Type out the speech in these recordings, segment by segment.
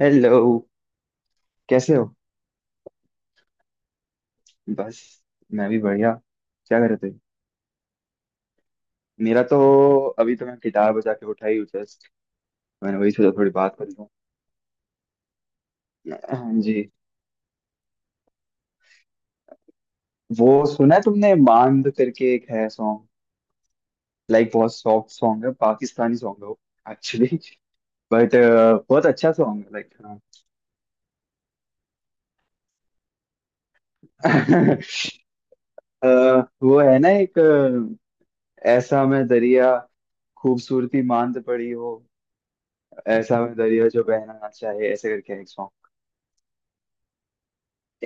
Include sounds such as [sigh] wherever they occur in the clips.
Hello. कैसे हो? बस, मैं भी बढ़िया। क्या कर रहे थे? मेरा तो अभी तो मैं गिटार बजा के उठा ही हूँ जस्ट। मैंने वही सोचा थोड़ी बात कर लूँ। हाँ जी। वो सुना है तुमने मांद करके एक है सॉन्ग। लाइक बहुत सॉफ्ट सॉन्ग है, पाकिस्तानी सॉन्ग है वो। एक्चुअली बट बहुत अच्छा सॉन्ग है, लाइक हाँ। [laughs] अ, वो है ना एक ऐसा मैं दरिया, खूबसूरती मांद पड़ी हो, ऐसा मैं दरिया जो बहना ना चाहे, ऐसे करके है।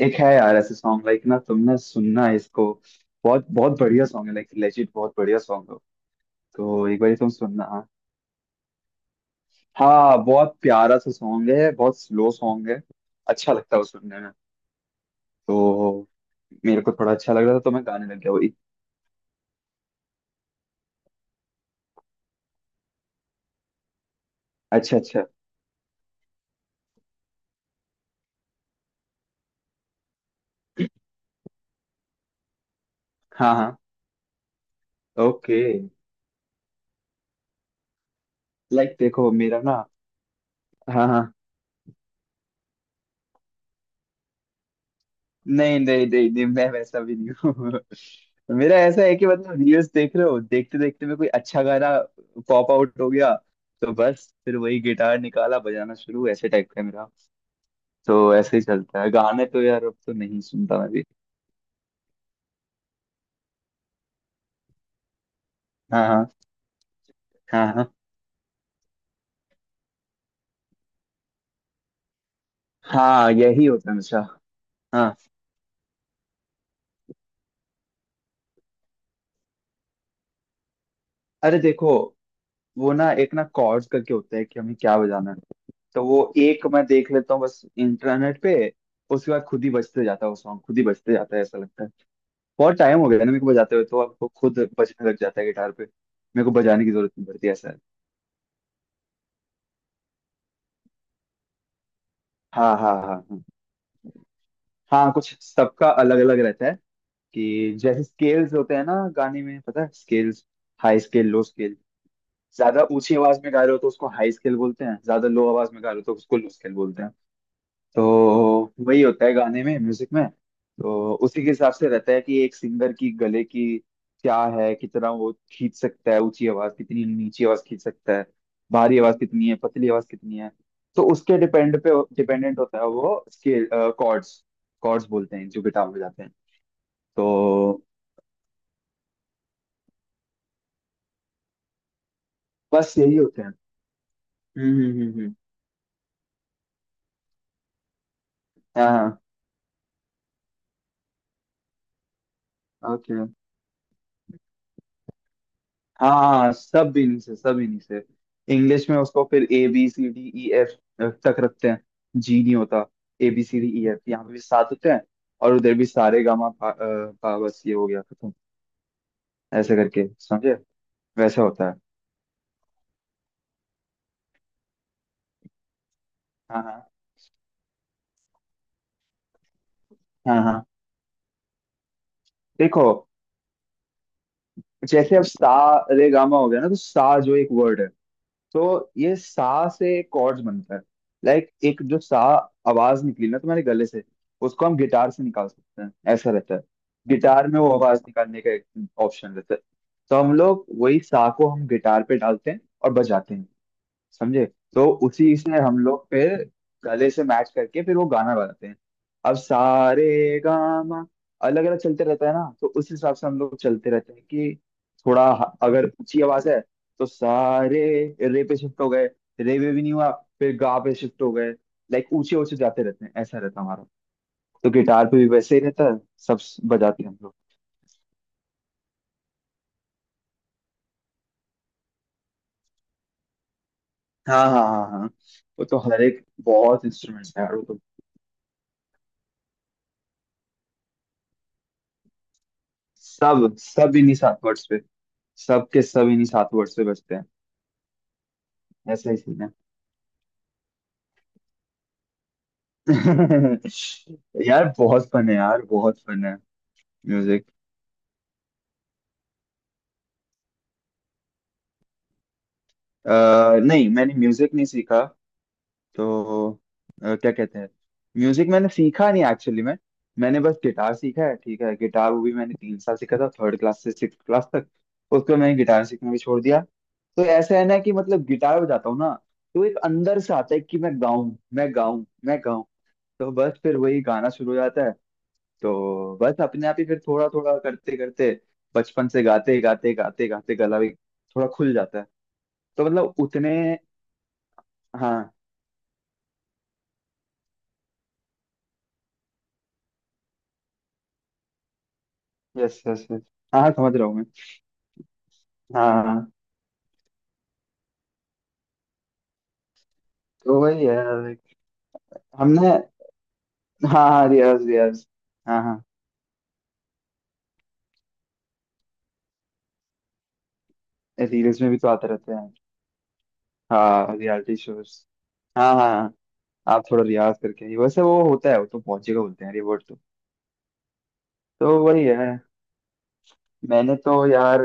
एक है यार ऐसे सॉन्ग, लाइक ना तुमने सुनना इसको, बहुत बहुत बढ़िया सॉन्ग है, लाइक लेजिट बहुत बढ़िया सॉन्ग है। तो एक बार तुम सुनना हाँ। हाँ, बहुत प्यारा सा सॉन्ग है, बहुत स्लो सॉन्ग है। अच्छा लगता है वो सुनने में। तो मेरे को थोड़ा अच्छा लग रहा था तो मैं गाने लग गया वही। अच्छा अच्छा। हाँ हाँ। ओके। लाइक देखो मेरा ना। हाँ हाँ। नहीं नहीं, मैं वैसा भी नहीं हूँ। [laughs] मेरा ऐसा है कि मतलब रील्स देख रहे हो, देखते देखते में कोई अच्छा गाना पॉप आउट हो गया, तो बस फिर वही गिटार निकाला बजाना शुरू, ऐसे टाइप का है मेरा। तो ऐसे ही चलता है, गाने तो यार अब तो नहीं सुनता मैं भी। हाँ हाँ हाँ हाँ। हाँ यही होता है हमेशा। हाँ। अरे देखो, वो ना एक ना कॉर्ड्स करके होता है कि हमें क्या बजाना है। तो वो एक मैं देख लेता हूँ बस इंटरनेट पे। उसके बाद खुद ही बजते जाता है, वो सॉन्ग खुद ही बजते जाता है ऐसा लगता है। बहुत टाइम हो गया ना मेरे को बजाते हुए, तो आपको खुद बजने लग जाता है गिटार पे, मेरे को बजाने की जरूरत नहीं पड़ती, ऐसा है। हाँ हाँ हाँ हाँ। हाँ कुछ सबका अलग अलग रहता है। कि जैसे स्केल्स होते हैं ना गाने में, पता है scales? High scale, low scale. ज्यादा ऊंची आवाज में गा रहे हो तो उसको हाई स्केल बोलते हैं, ज्यादा लो आवाज में गा रहे हो तो उसको लो स्केल बोलते हैं। तो वही होता है गाने में, म्यूजिक में। तो उसी के हिसाब से रहता है कि एक सिंगर की गले की क्या है, कितना वो खींच सकता है, ऊंची आवाज कितनी, नीची आवाज खींच सकता है, भारी आवाज कितनी है, पतली आवाज कितनी है। तो उसके डिपेंड पे, डिपेंडेंट होता है वो स्केल। कॉर्ड्स, कॉर्ड्स बोलते हैं जो गिटार में जाते हैं। तो बस यही होते हैं। हम्म हम्म हम्म हम्म। हाँ। ओके। हाँ सब इन्हीं से, सब इन्हीं से। इंग्लिश में उसको फिर A B C D E F तक रखते हैं, जी नहीं होता। A B C D E F, यहाँ पे भी सात होते हैं और उधर भी सारे गामा पा, पा, बस ये हो गया खत्म। ऐसे करके समझे? वैसा होता है। हाँ हाँ हाँ हाँ। देखो जैसे अब सा रे गामा हो गया ना, तो सा जो एक वर्ड है, तो ये सा से कॉर्ड्स बनता है। लाइक एक जो सा आवाज निकली ना तुम्हारे गले से, उसको हम गिटार से निकाल सकते हैं, ऐसा रहता है। गिटार में वो आवाज निकालने का एक ऑप्शन रहता है। तो हम लोग वही सा को हम गिटार पे डालते हैं और बजाते हैं, समझे? तो उसी से हम लोग फिर गले से मैच करके फिर वो गाना बनाते हैं। अब सारे गामा अलग अलग चलते रहता है ना, तो उस हिसाब से हम लोग चलते रहते हैं कि अगर ऊंची आवाज है तो सारे रे पे शिफ्ट हो गए, रे पे भी नहीं हुआ फिर गा पे शिफ्ट हो गए, लाइक ऊंचे ऊंचे जाते रहते हैं ऐसा रहता है हमारा। तो गिटार पे भी वैसे ही रहता है। बजाते हैं हम लोग। हाँ हाँ हाँ हाँ। वो तो हर एक बहुत इंस्ट्रूमेंट है यार, वो तो सब, सब इन्हीं सात वर्ड्स पे, सब के सब इन्हीं सात वर्ड्स पे बचते हैं। ऐसा ही सीन है। [laughs] यार बहुत फन है यार बहुत फन है म्यूजिक नहीं मैंने म्यूजिक नहीं सीखा। तो क्या कहते हैं, म्यूजिक मैंने सीखा नहीं एक्चुअली। मैंने बस गिटार सीखा है, ठीक है। गिटार वो भी मैंने तीन साल सीखा था, थर्ड क्लास से सिक्स क्लास तक। उसको मैंने गिटार सीखना भी छोड़ दिया। तो ऐसा है ना कि मतलब गिटार बजाता हूँ ना, तो एक अंदर से आता है कि मैं गाऊं मैं गाऊं मैं गाऊं, तो बस फिर वही गाना शुरू हो जाता है। तो बस अपने आप ही फिर थोड़ा थोड़ा करते करते, बचपन से गाते गाते गाते गाते गला भी थोड़ा खुल जाता है। तो मतलब उतने। हाँ। Yes yes yes. हाँ हाँ, समझ रहा हूँ मैं। हाँ हाँ, हाँ। तो वही है like, हमने। हाँ हाँ रियाज रियाज। हाँ हाँ। रील्स में भी तो आते रहते हैं। हाँ रियलिटी शोज। हाँ हाँ हाँ, आप थोड़ा रियाज करके आइए। वैसे वो होता है वो तो पहुंचेगा बोलते हैं, रिवॉर्ड तो। तो वही है। मैंने तो यार,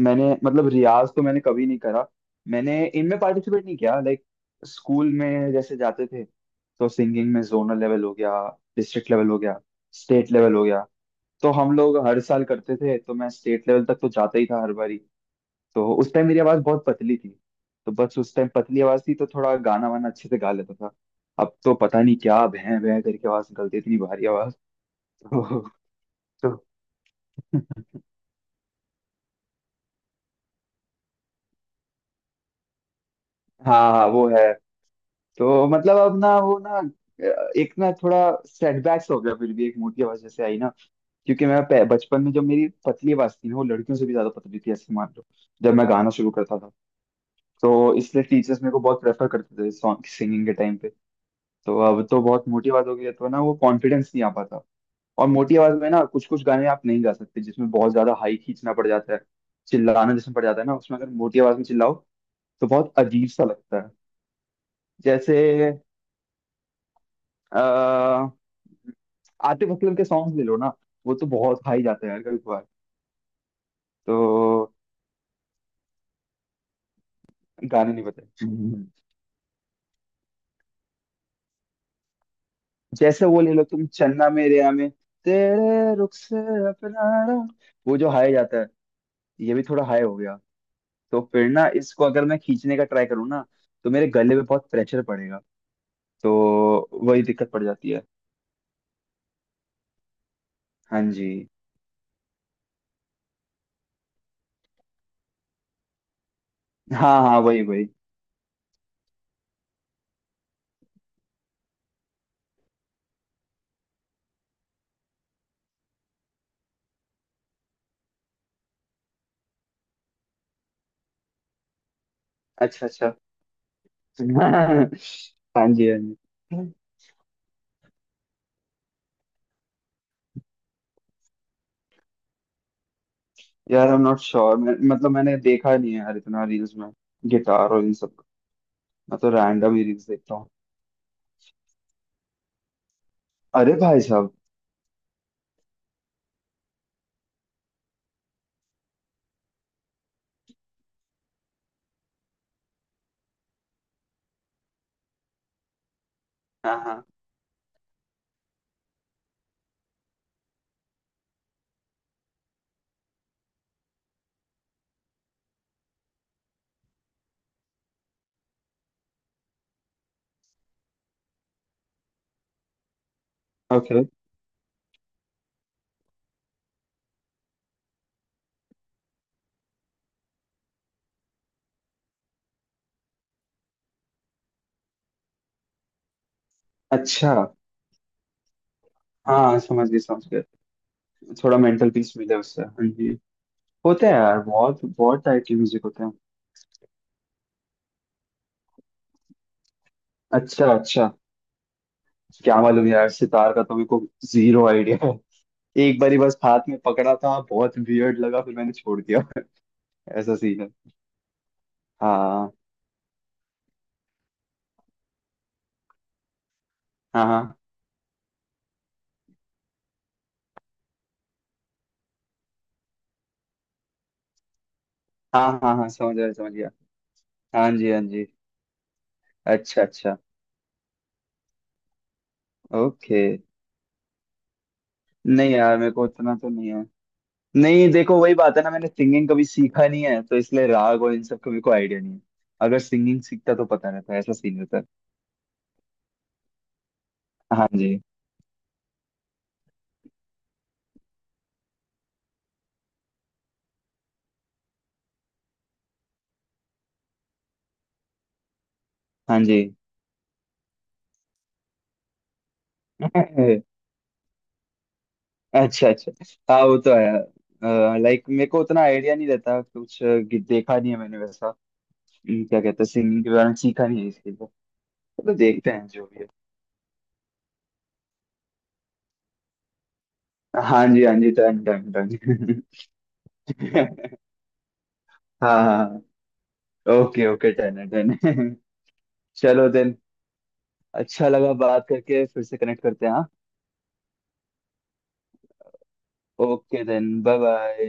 मैंने मतलब रियाज तो मैंने कभी नहीं करा, मैंने इनमें पार्टिसिपेट नहीं किया। लाइक स्कूल में जैसे जाते थे, तो सिंगिंग में जोनल लेवल हो गया, डिस्ट्रिक्ट लेवल हो गया, स्टेट लेवल हो गया। तो हम लोग हर साल करते थे, तो मैं स्टेट लेवल तक तो जाता ही था हर बारी। तो उस टाइम मेरी आवाज़ बहुत पतली थी। तो बस उस टाइम पतली आवाज़ थी तो थोड़ा गाना वाना अच्छे से गा लेता था। अब तो पता नहीं क्या भैं भैं करके आवाज़ निकलती है, इतनी भारी आवाज़। [laughs] तो, तो हाँ हाँ वो है। तो मतलब अब ना वो ना एक ना थोड़ा सेटबैक्स हो गया, फिर भी एक मोटी आवाज जैसे आई ना। क्योंकि बचपन में जब मेरी पतली आवाज थी ना, वो लड़कियों से भी ज्यादा पतली थी ऐसे मान लो, जब मैं गाना शुरू करता था। तो इसलिए टीचर्स मेरे को बहुत प्रेफर करते थे सॉन्ग सिंगिंग के टाइम पे। तो अब तो बहुत मोटी आवाज हो गई है, तो ना वो कॉन्फिडेंस नहीं आ पाता। और मोटी आवाज में ना कुछ कुछ गाने आप नहीं गा सकते, जिसमें बहुत ज्यादा हाई खींचना पड़ जाता है, चिल्लाना जिसमें पड़ जाता है ना, उसमें अगर मोटी आवाज में चिल्लाओ तो बहुत अजीब सा लगता है। जैसे अ आतिफ असलम के सॉन्ग ले लो ना, वो तो बहुत हाई जाते हैं यार कभी कभार। तो गाने नहीं पता। हम्म। जैसे वो ले लो तुम चन्ना मेरेया में, तेरे रुख से अपना रंग", वो जो हाई जाता है। ये भी थोड़ा हाई हो गया। तो फिर ना इसको अगर मैं खींचने का ट्राई करूँ ना, तो मेरे गले पे बहुत प्रेशर पड़ेगा। तो वही दिक्कत पड़ जाती है। हाँ जी। हाँ हाँ वही वही। अच्छा अच्छा। [laughs] हाँ जी हाँ जी। यार आई एम नॉट श्योर मैं, मतलब मैंने देखा नहीं है यार इतना रील्स में गिटार और इन सब का। मैं तो रैंडम ही रील्स देखता हूँ। अरे भाई साहब। हाँ हाँ। ओके। अच्छा हाँ समझ गए समझ गए। थोड़ा मेंटल पीस मिले उससे, हाँ जी। होते हैं यार बहुत बहुत टाइप के म्यूजिक होते हैं। अच्छा अच्छा। क्या मालूम यार, सितार का तो मेरे को जीरो आइडिया है। एक बारी बस हाथ में पकड़ा था, बहुत वियर्ड लगा फिर मैंने छोड़ दिया। [laughs] ऐसा सीन है। हाँ हाँ हाँ। हाँ हाँ हाँ समझ गया समझ गया। हाँ जी हाँ जी। अच्छा अच्छा। ओके। नहीं यार मेरे को उतना तो नहीं है। नहीं देखो वही बात है ना, मैंने सिंगिंग कभी सीखा नहीं है, तो इसलिए राग और इन सब का मेरे को आइडिया नहीं है। अगर सिंगिंग सीखता तो पता रहता, ऐसा सीन रहता है। हाँ जी हाँ जी। [laughs] अच्छा अच्छा। हाँ वो तो है, लाइक मेरे को उतना आइडिया नहीं रहता कुछ देखा नहीं है मैंने वैसा। क्या कहते हैं सिंगिंग के बारे में सीखा नहीं है इसके लिए। तो देखते हैं जो भी है। हाँ जी हाँ जी, डन डन डन। [laughs] हाँ हाँ। ओके ओके, डन है डन। [laughs] चलो देन। अच्छा लगा बात करके, फिर से कनेक्ट करते हैं हाँ। Okay then, bye bye.